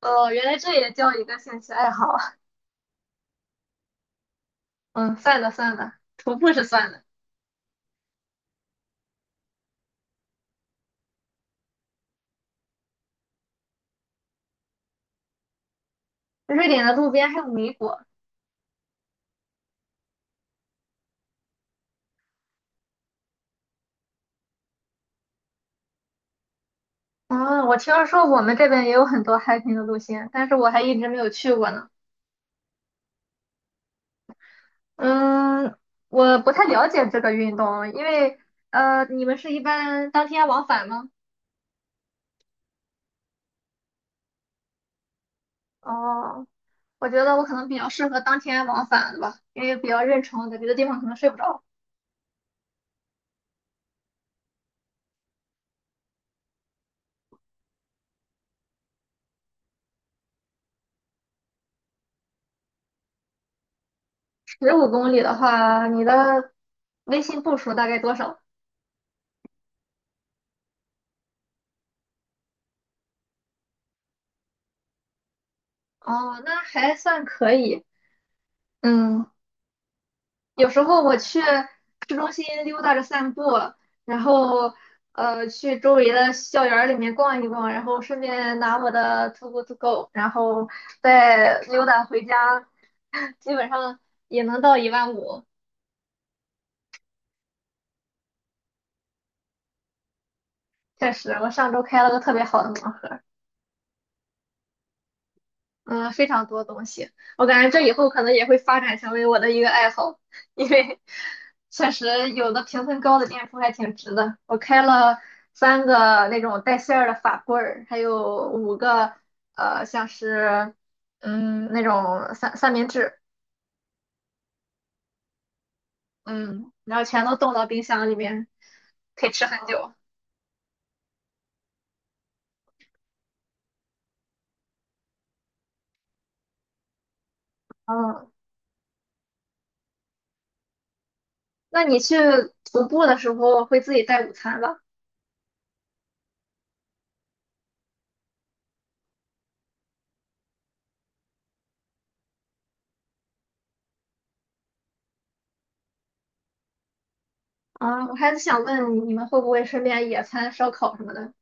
哦，原来这也叫一个兴趣爱好啊。嗯，算了算了，徒步是算了。瑞典的路边还有米果。嗯，我听说我们这边也有很多 hiking 的路线，但是我还一直没有去过呢。嗯，我不太了解这个运动，因为你们是一般当天往返吗？哦，我觉得我可能比较适合当天往返的吧，因为比较认床在别的地方可能睡不着。15公里的话，你的微信步数大概多少？哦，那还算可以。嗯，有时候我去市中心溜达着散步，然后去周围的校园儿里面逛一逛，然后顺便拿我的 TOGO to go，然后再溜达回家，基本上也能到15000。确实，我上周开了个特别好的盲盒。嗯，非常多东西，我感觉这以后可能也会发展成为我的一个爱好，因为确实有的评分高的店铺还挺值的。我开了3个那种带馅儿的法棍儿，还有5个像是那种三明治，嗯，然后全都冻到冰箱里面，可以吃很久。嗯，那你去徒步的时候会自己带午餐吧？啊，我还是想问你们会不会顺便野餐、烧烤什么的？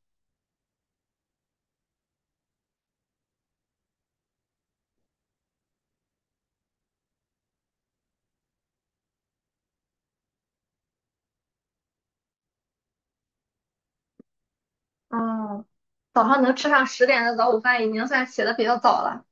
嗯，早上能吃上10点的早午饭，已经算起的比较早了，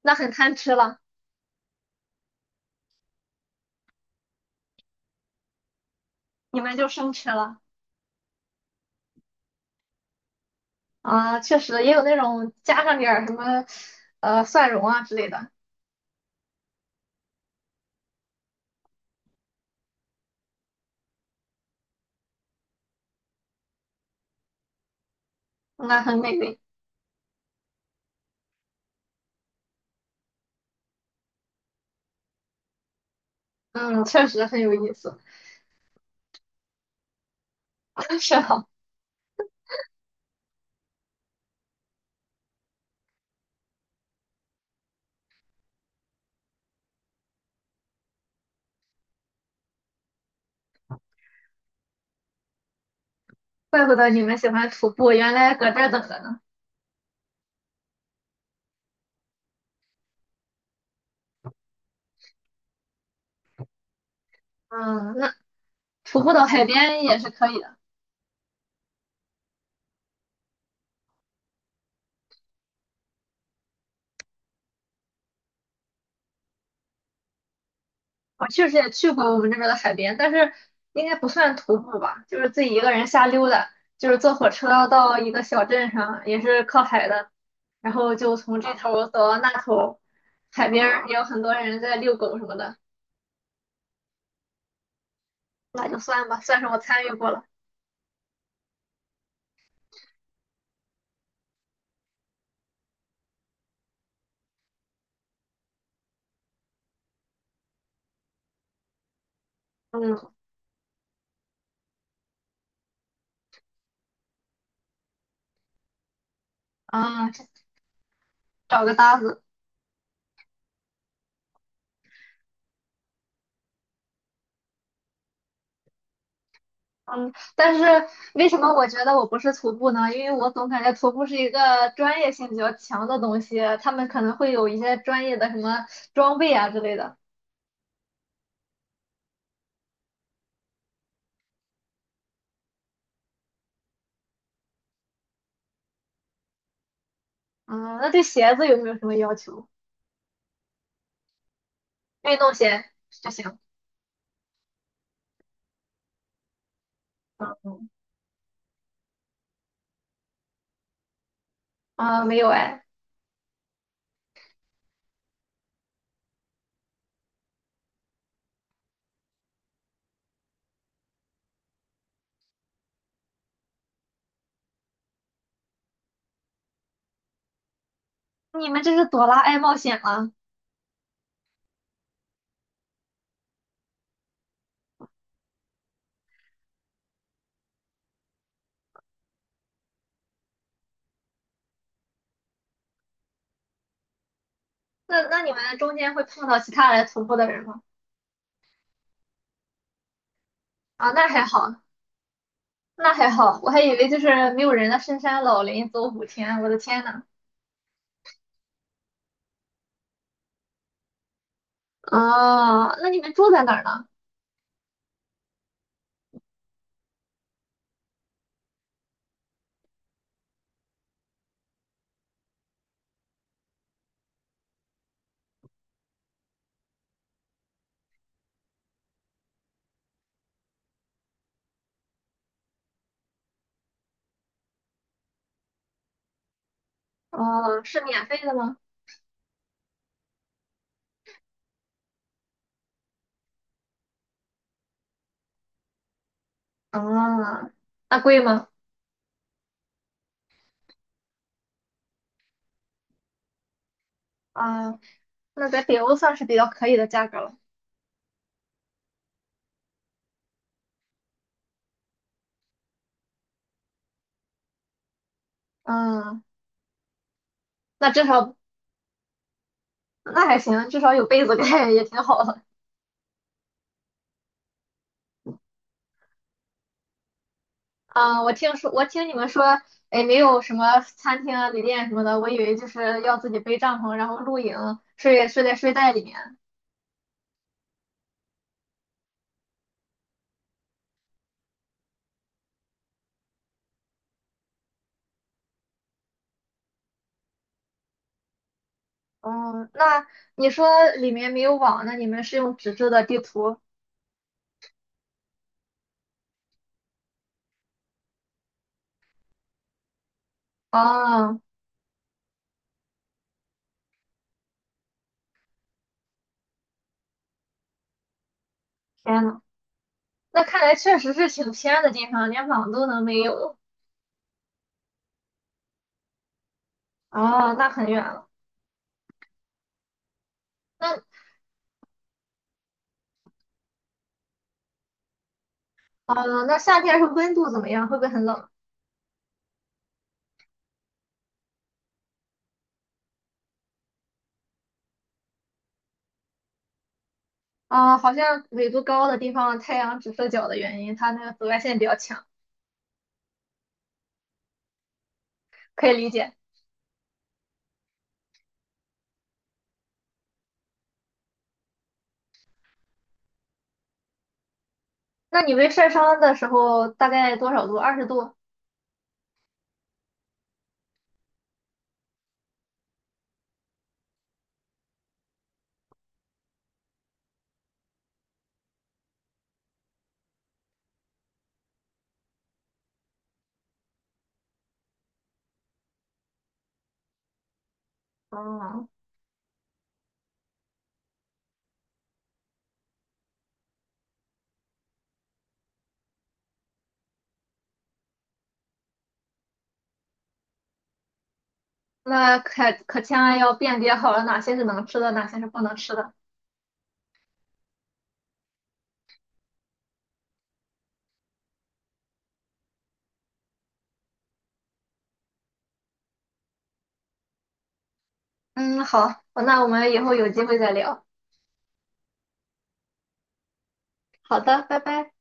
那很贪吃了。你们就生吃了啊，确实也有那种加上点儿什么，蒜蓉啊之类的，那很美味。嗯，确实很有意思。是啊，怪不得你们喜欢徒步，原来搁这儿等着呢。嗯，那徒步到海边也是可以的。我确实也去过我们这边的海边，但是应该不算徒步吧，就是自己一个人瞎溜达。就是坐火车到一个小镇上，也是靠海的，然后就从这头走到那头，海边儿也有很多人在遛狗什么的，那就算吧，算是我参与过了。嗯啊，找个搭子。嗯，但是为什么我觉得我不是徒步呢？因为我总感觉徒步是一个专业性比较强的东西，他们可能会有一些专业的什么装备啊之类的。嗯，那对鞋子有没有什么要求？运动鞋就行。嗯嗯啊，没有哎，你们这是朵拉爱冒险了。那你们中间会碰到其他来徒步的人吗？啊，那还好，那还好，我还以为就是没有人的深山老林走5天，我的天呐！哦，那你们住在哪儿呢？哦，是免费的吗？啊，那贵吗？啊，那在北欧算是比较可以的价格了。嗯，那至少那还行，至少有被子盖也挺好的。啊，我听说，我听你们说，哎，没有什么餐厅啊、旅店什么的，我以为就是要自己背帐篷，然后露营，睡在睡袋里面。嗯，那你说里面没有网，那你们是用纸质的地图？哦，天呐，那看来确实是挺偏的地方，连网都能没有。哦，那很远了。那哦，那夏天是温度怎么样？会不会很冷？啊，好像纬度高的地方太阳直射角的原因，它那个紫外线比较强，可以理解。那你们晒伤的时候大概多少度？20度。哦，那可千万要辨别好了，哪些是能吃的，哪些是不能吃的。嗯，好，那我们以后有机会再聊。好的，拜拜。